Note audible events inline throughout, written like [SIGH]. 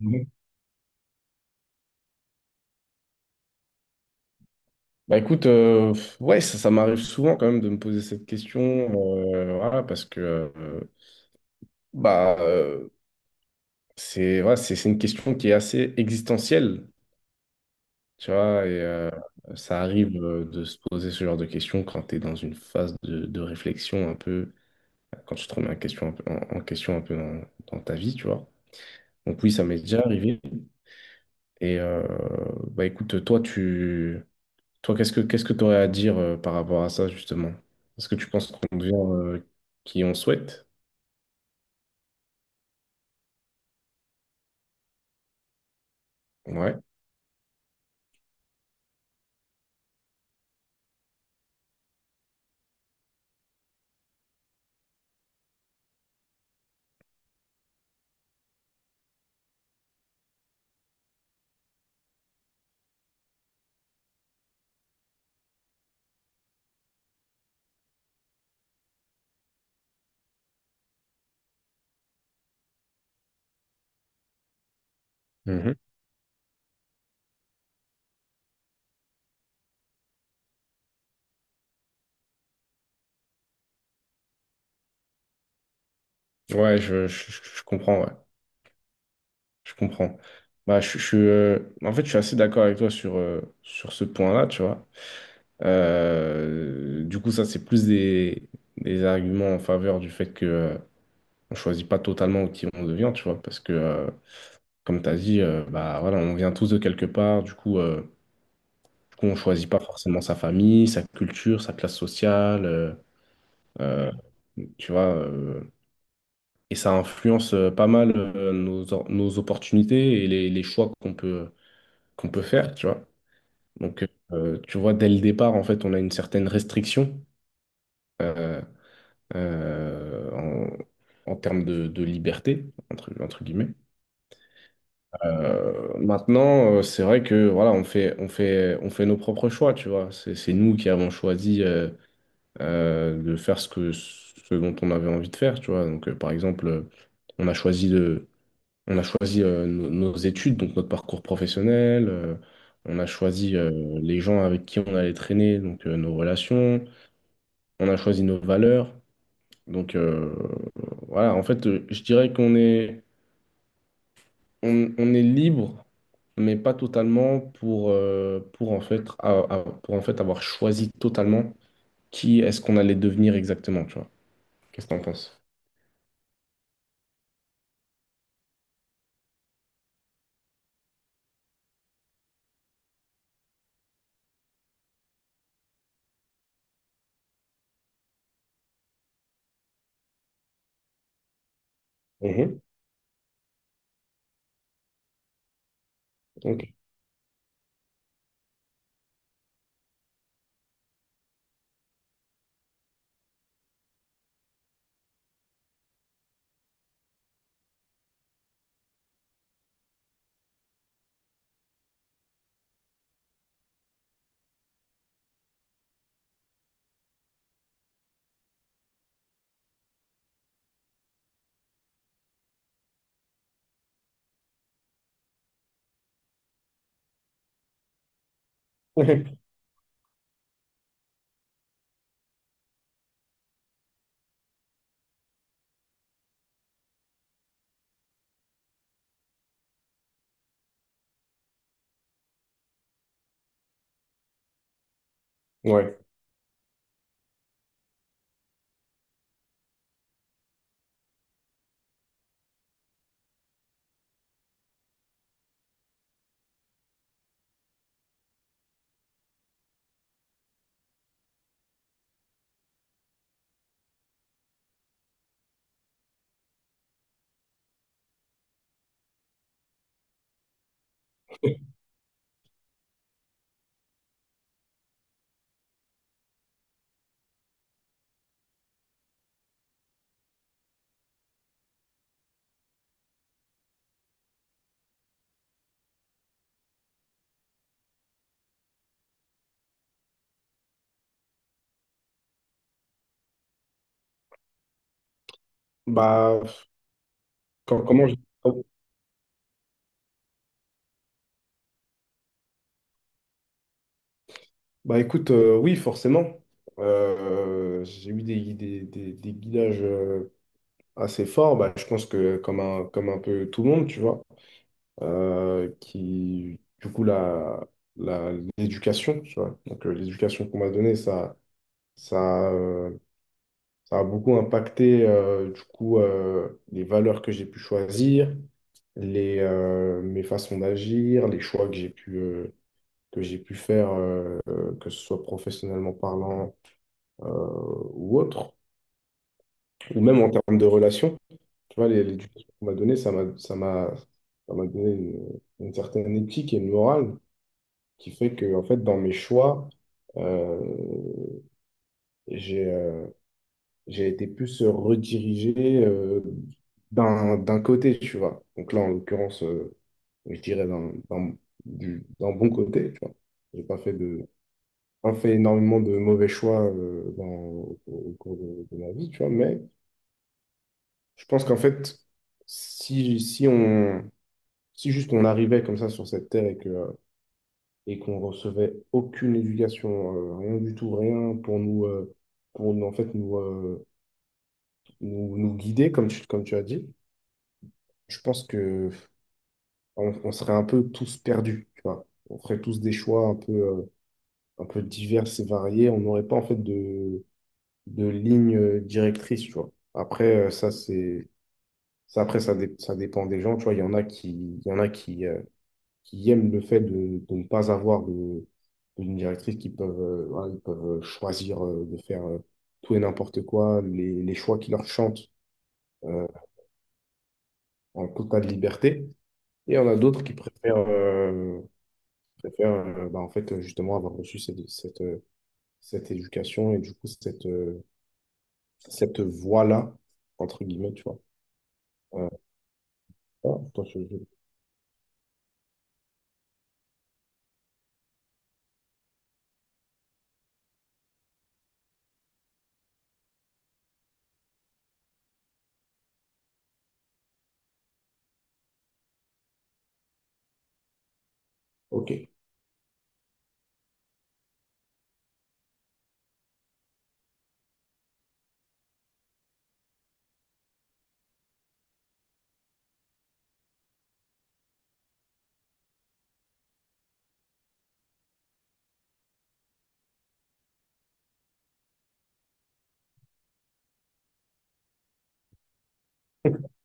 Ouais. Bah écoute, ouais, ça m'arrive souvent quand même de me poser cette question, voilà, parce que bah euh, c'est voilà, c'est une question qui est assez existentielle. Tu vois, ça arrive de se poser ce genre de questions quand tu es dans une phase de réflexion un peu, quand tu te remets en question un peu, en question un peu dans, dans ta vie, tu vois. Donc oui, ça m'est déjà arrivé. Et euh, Bah écoute, toi, qu'est-ce que tu aurais à dire par rapport à ça, justement? Est-ce que tu penses qu'on devient qui on souhaite? Ouais. Mhm. Ouais, je comprends, ouais. Je comprends. Bah, je suis, en fait, je suis assez d'accord avec toi sur, sur ce point-là, tu vois. Du coup, ça, c'est plus des arguments en faveur du fait que on choisit pas totalement qui on devient, tu vois, parce que, comme tu as dit, bah, voilà, on vient tous de quelque part, du coup, on choisit pas forcément sa famille, sa culture, sa classe sociale, euh, tu vois, et ça influence pas mal nos, nos opportunités et les choix qu'on peut faire, tu vois. Donc, tu vois, dès le départ, en fait, on a une certaine restriction euh, en, en termes de liberté, entre, entre guillemets. Maintenant, c'est vrai que voilà, on fait nos propres choix, tu vois. C'est nous qui avons choisi de faire ce que, ce dont on avait envie de faire, tu vois. Donc, par exemple, on a choisi de, on a choisi nos, nos études, donc notre parcours professionnel. On a choisi les gens avec qui on allait traîner, donc nos relations. On a choisi nos valeurs. Donc euh, voilà, en fait, je dirais qu'on est, on est libre, mais pas totalement pour, en fait, pour en fait avoir choisi totalement qui est-ce qu'on allait devenir exactement, tu vois. Qu'est-ce que t'en penses? Mhm, ok. [LAUGHS] Ouais. Bah, Com- comment je... oh, bah écoute, oui, forcément. J'ai eu des, des guidages assez forts. Bah, je pense que comme un peu tout le monde, tu vois. Qui, du coup, la, la- l'éducation, tu vois. Donc, l'éducation qu'on m'a donnée, ça, euh, ça a beaucoup impacté, du coup, les valeurs que j'ai pu choisir, les, mes façons d'agir, les choix que j'ai pu faire, que ce soit professionnellement parlant, euh, ou autre, ou même en termes de relations. Tu vois, l'éducation qu'on m'a donnée, ça m'a donné une certaine éthique et une morale qui fait que, en fait, dans mes choix, euh, j'ai euh, j'ai été plus redirigé d'un côté, tu vois. Donc là, en l'occurrence, je dirais d'un bon côté, tu vois. J'ai pas fait de, pas fait énormément de mauvais choix dans, au, au cours de ma vie, tu vois. Mais je pense qu'en fait, si, si juste on arrivait comme ça sur cette terre et que et qu'on recevait aucune éducation, rien du tout, rien pour nous, pour nous, en fait, nous guider, comme tu as dit, je pense que on serait un peu tous perdus, tu vois. On ferait tous des choix un peu divers et variés. On n'aurait pas, en fait, de ligne directrice, tu vois. Après, ça, c'est, ça, après, ça, dé- ça dépend des gens, tu vois. Il y en a qui aiment le fait de ne pas avoir de ligne directrice, qui peuvent, voilà, ils peuvent choisir de faire tout et n'importe quoi, les choix qui leur chantent euh, en totale liberté. Et on a d'autres qui préfèrent, bah, en fait, justement, avoir reçu cette éducation et du coup, cette, cette voie-là, entre guillemets, tu vois. Euh, ah, attends, ok. [LAUGHS]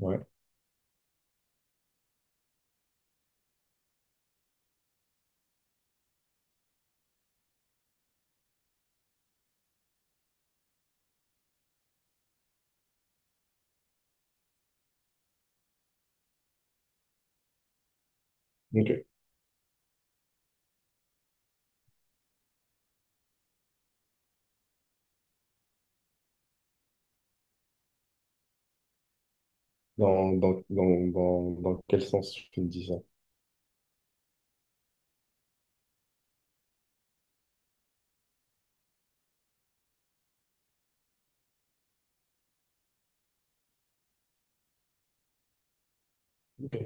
Ouais, ok. Dans quel sens tu me dis ça? Ok.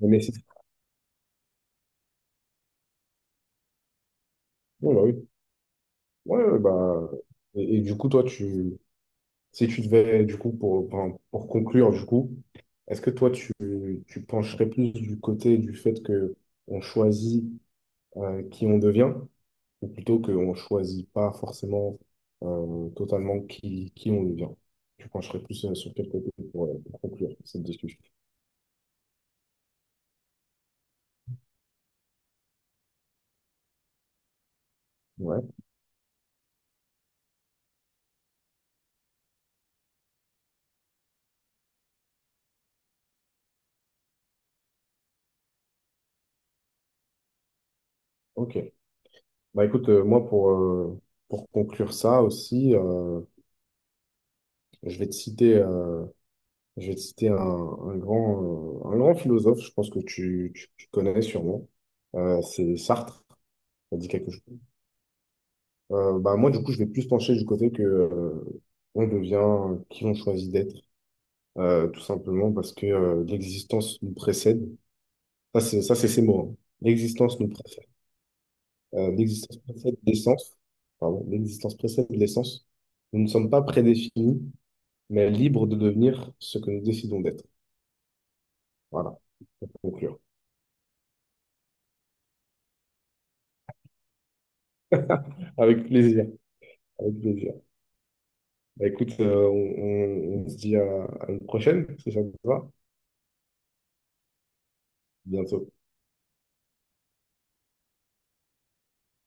Mais c'est... Oui, bah oui. Ouais, ouais, bah, et du coup, si tu devais, du coup, pour, enfin, pour conclure, du coup, est-ce que toi, tu pencherais plus du côté du fait que on choisit qui on devient, ou plutôt qu'on choisit pas forcément totalement qui on devient? Tu pencherais plus sur quel côté pour conclure cette discussion? Ouais, ok. Bah écoute, moi, pour conclure ça aussi, je vais te citer. Je vais te citer un grand philosophe, je pense que tu, tu connais sûrement. C'est Sartre, ça dit quelque chose. Bah, moi, du coup, je vais plus pencher du côté que on devient qui on choisit d'être, tout simplement parce que l'existence nous précède. Ça, c'est ces mots, hein. L'existence nous précède. L'existence précède l'essence. Pardon, l'existence précède l'essence. Nous ne sommes pas prédéfinis, mais libres de devenir ce que nous décidons d'être. Voilà, pour conclure. Avec plaisir. Avec plaisir. Bah, écoute, on, on se dit à une prochaine, si ça te va. Bientôt.